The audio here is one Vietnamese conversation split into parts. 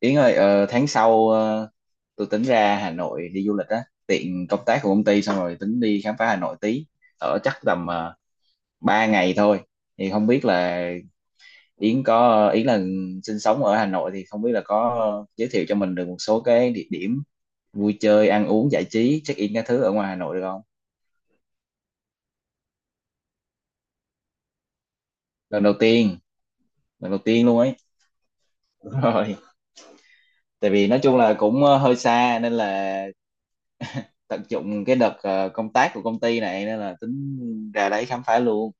Yến ơi, tháng sau, tôi tính ra Hà Nội đi du lịch á, tiện công tác của công ty xong rồi tính đi khám phá Hà Nội tí, ở chắc tầm 3 ngày thôi. Thì không biết là Yến sinh sống ở Hà Nội thì không biết là có giới thiệu cho mình được một số cái địa điểm vui chơi, ăn uống, giải trí, check-in các thứ ở ngoài Hà Nội được không? Lần đầu tiên, lần đầu tiên luôn ấy. Đúng rồi. Tại vì nói chung là cũng hơi xa nên là tận dụng cái đợt công tác của công ty này nên là tính ra đấy khám phá luôn.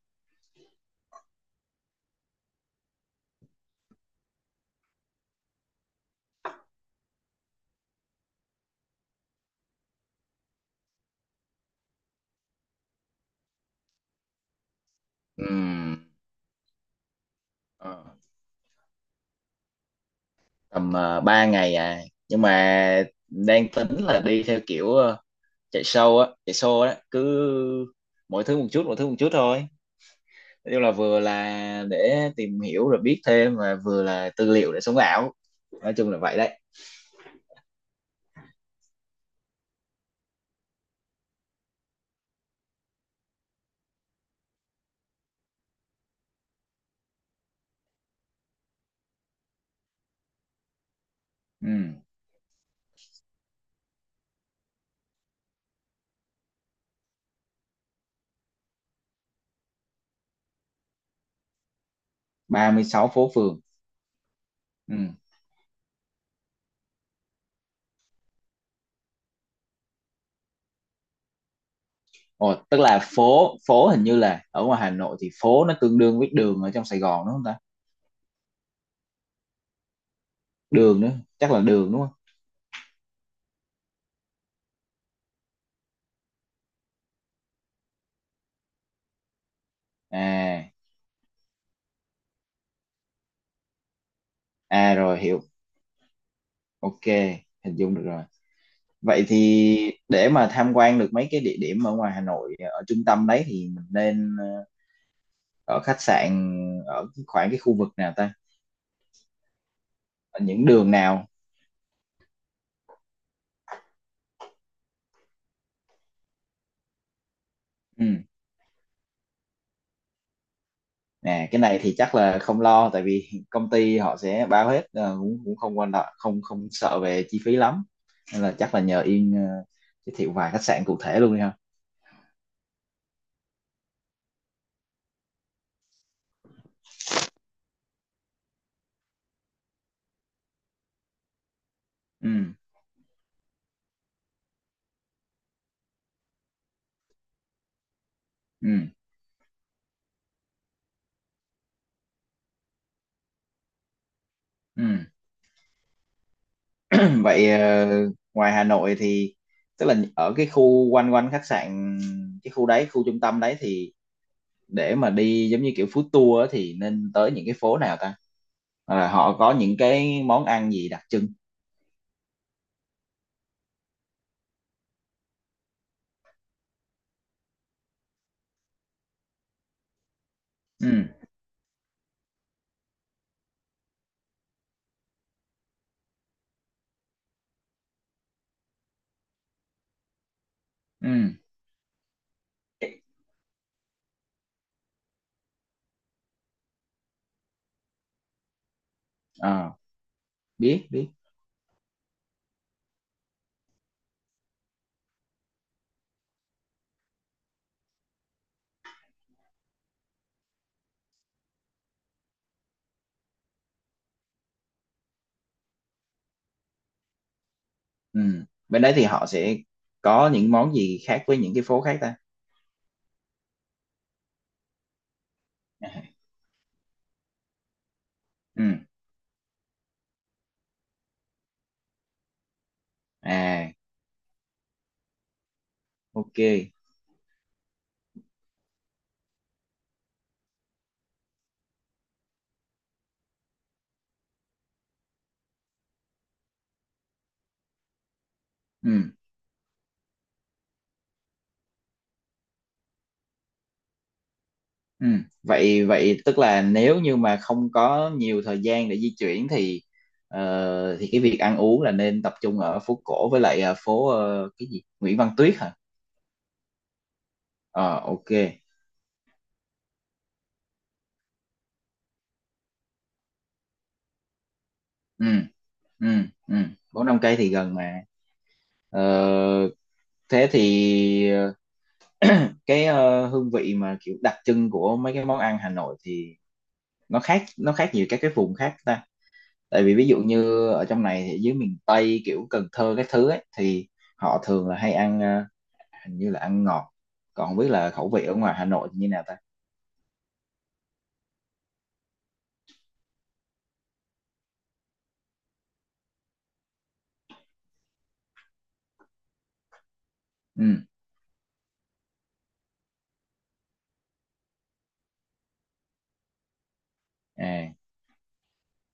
Ừm, ờ, tầm ba ngày à, nhưng mà đang tính là đi theo kiểu, chạy show á, cứ mỗi thứ một chút thôi, nói chung là vừa là để tìm hiểu rồi biết thêm và vừa là tư liệu để sống ảo, nói chung là vậy đấy. Ừm, ba mươi sáu phố phường. Ừm. Ồ, tức là phố phố hình như là ở ngoài Hà Nội thì phố nó tương đương với đường ở trong Sài Gòn đúng không ta? Đường nữa, chắc là đường đúng không? À, à rồi hiểu. OK, hình dung được rồi. Vậy thì để mà tham quan được mấy cái địa điểm ở ngoài Hà Nội ở trung tâm đấy thì mình nên, ở khách sạn ở khoảng cái khu vực nào ta? Ở những đường nào? Ừ. Nè, cái này thì chắc là không lo tại vì công ty họ sẽ bao hết, cũng cũng không quan trọng, không không sợ về chi phí lắm. Nên là chắc là nhờ Yên, giới thiệu vài khách sạn cụ thể luôn đi ha. Ừ. Ừ. Ừ. Vậy ngoài Hà Nội thì tức là ở cái khu quanh quanh khách sạn, cái khu đấy, khu trung tâm đấy, thì để mà đi giống như kiểu food tour á thì nên tới những cái phố nào ta? À, họ có những cái món ăn gì đặc trưng? Ừ. Ừ. Ờ, biết biết. Ừ, bên đấy thì họ sẽ có những món gì khác với những cái phố khác ta? À, ừ, à, OK. Ừ. Ừ. Vậy vậy tức là nếu như mà không có nhiều thời gian để di chuyển thì, thì cái việc ăn uống là nên tập trung ở phố cổ, với lại phố, cái gì Nguyễn Văn Tuyết hả? Ờ, OK. Ừ. Ừ. Ừ, bốn năm cây thì gần mà. Ờ, thế thì cái hương vị mà kiểu đặc trưng của mấy cái món ăn Hà Nội thì nó khác nhiều các cái vùng khác ta? Tại vì ví dụ như ở trong này thì dưới miền Tây kiểu Cần Thơ cái thứ ấy thì họ thường là hay ăn, hình như là ăn ngọt, còn không biết là khẩu vị ở ngoài Hà Nội thì như nào ta? Ừ. À,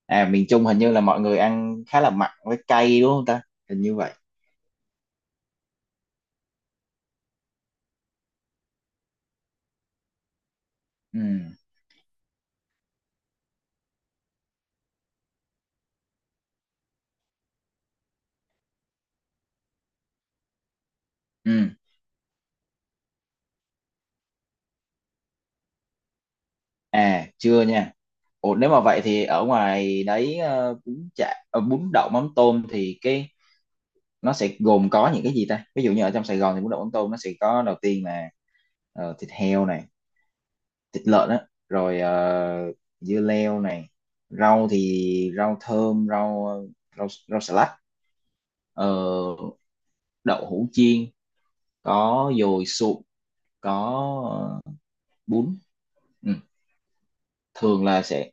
à miền Trung hình như là mọi người ăn khá là mặn với cay đúng không ta? Hình như vậy. Ừ. Ừ. À chưa nha. Ủa, nếu mà vậy thì ở ngoài đấy, bún chả, bún đậu mắm tôm thì cái nó sẽ gồm có những cái gì ta? Ví dụ như ở trong Sài Gòn thì bún đậu mắm tôm nó sẽ có đầu tiên là, thịt heo này, thịt lợn á, rồi dưa leo này, rau thì rau thơm, rau rau rau xà lách, ờ, đậu hũ chiên, có dồi sụn, có bún. Ừ. Thường là sẽ,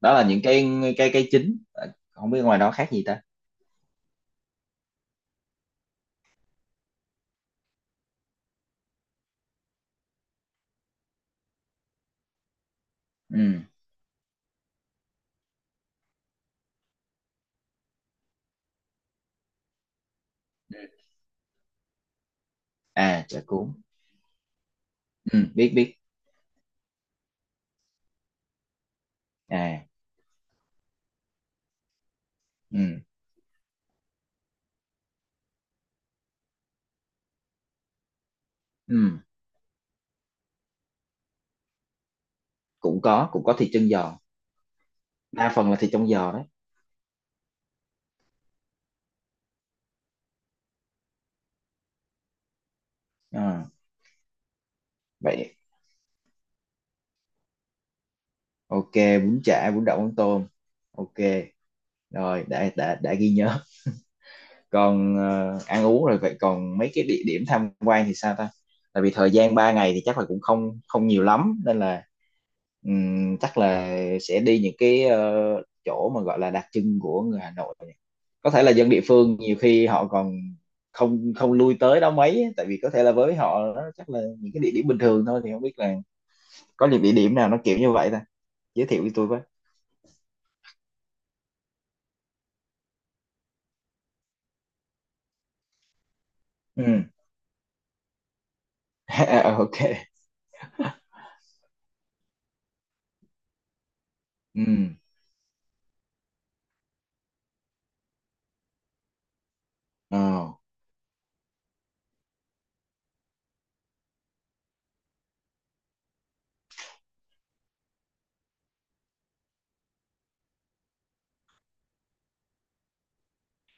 đó là những cái chính. Ờ, không biết ngoài đó khác gì ta? Ừ. À, chả cuốn. Ừ, biết biết. À, ừ, ừ. Cũng có, cũng có thịt chân giò, đa phần là thịt trong giò đấy. Ờ, vậy OK, bún chả bún đậu bún tôm. OK, rồi đã ghi nhớ. Còn ăn uống rồi, vậy còn mấy cái địa điểm tham quan thì sao ta? Tại vì thời gian 3 ngày thì chắc là cũng không không nhiều lắm nên là chắc là sẽ đi những cái, chỗ mà gọi là đặc trưng của người Hà Nội, có thể là dân địa phương nhiều khi họ còn không không lui tới đó mấy á, tại vì có thể là với họ đó chắc là những cái địa điểm bình thường thôi, thì không biết là có những địa điểm nào nó kiểu như vậy ta? Giới thiệu với tôi với. Ừ. À, OK. Ừ. Ờ.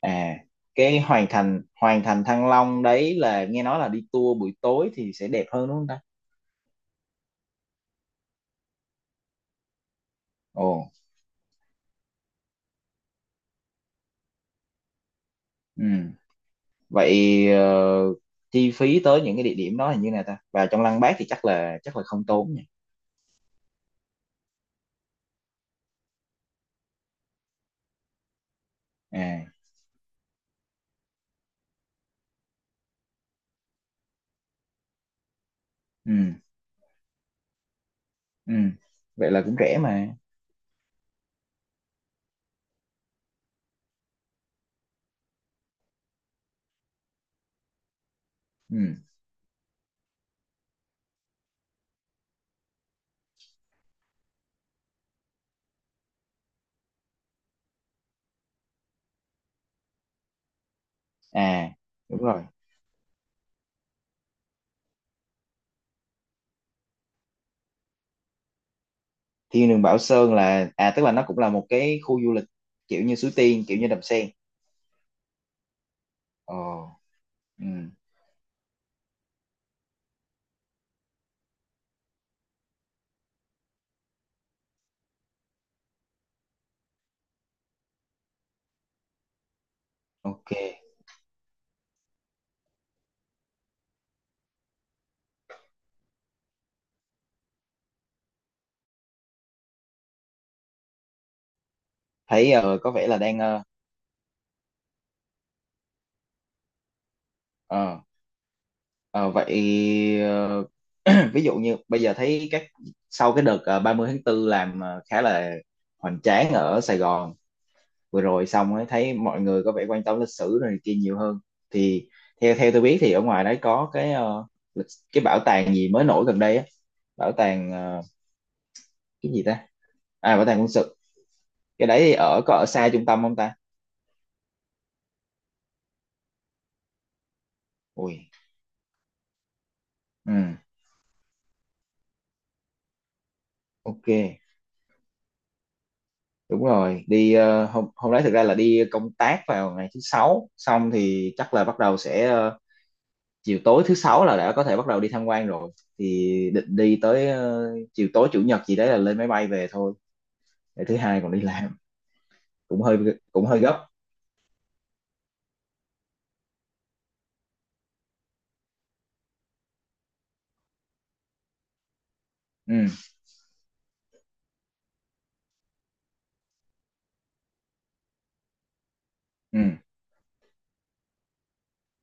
À, cái Hoàng Thành, Hoàng Thành Thăng Long đấy là nghe nói là đi tour buổi tối thì sẽ đẹp hơn đúng không ta? Ồ. Ừ. Vậy chi phí tới những cái địa điểm đó là như nào ta, và trong Lăng Bác thì chắc là không tốn nhỉ? À, ừ, ừ, vậy là cũng rẻ mà. Ừ. À, đúng rồi. Thiên đường Bảo Sơn là à, tức là nó cũng là một cái khu du lịch kiểu như Suối Tiên, kiểu như Đầm Sen. Ồ. Ừ. OK. Thấy có vẻ là đang, ờ, ờ, vậy ví dụ như bây giờ thấy các, sau cái đợt ba mươi tháng 4 làm khá là hoành tráng ở Sài Gòn vừa rồi xong ấy, thấy mọi người có vẻ quan tâm lịch sử rồi này kia nhiều hơn, thì theo theo tôi biết thì ở ngoài đấy có cái, lịch- cái bảo tàng gì mới nổi gần đây á, bảo tàng cái gì ta? À, bảo tàng quân sự, cái đấy thì ở có ở xa trung tâm không ta? Ui. Ừ. OK, đúng rồi. Đi hôm hôm đấy thực ra là đi công tác vào ngày thứ sáu, xong thì chắc là bắt đầu sẽ chiều tối thứ sáu là đã có thể bắt đầu đi tham quan rồi, thì định đi tới chiều tối chủ nhật gì đấy là lên máy bay về thôi, để thứ hai còn đi làm. Cũng hơi, cũng hơi gấp. Ừ. Ừ.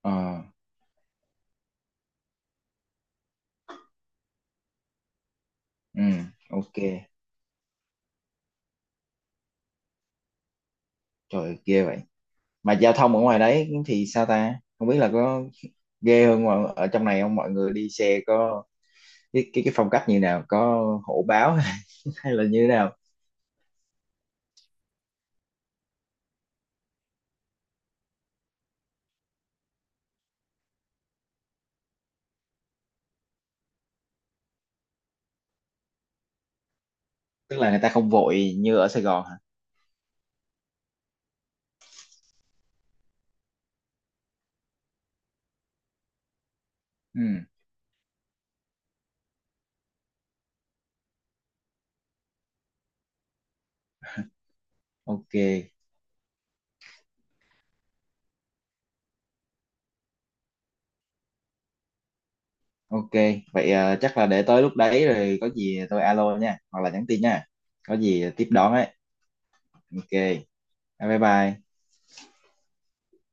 Ờ. Ừ. OK. Trời ơi, ghê vậy. Mà giao thông ở ngoài đấy thì sao ta, không biết là có ghê hơn ngoài ở trong này không, mọi người đi xe có cái cái phong cách như nào, có hổ báo hay là như thế nào? Tức là người ta không vội như ở Sài Gòn hả? Ừ. OK. OK, vậy chắc là để tới lúc đấy rồi có gì tôi alo nha, hoặc là nhắn tin nha, có gì tiếp đón ấy. OK, bye bye.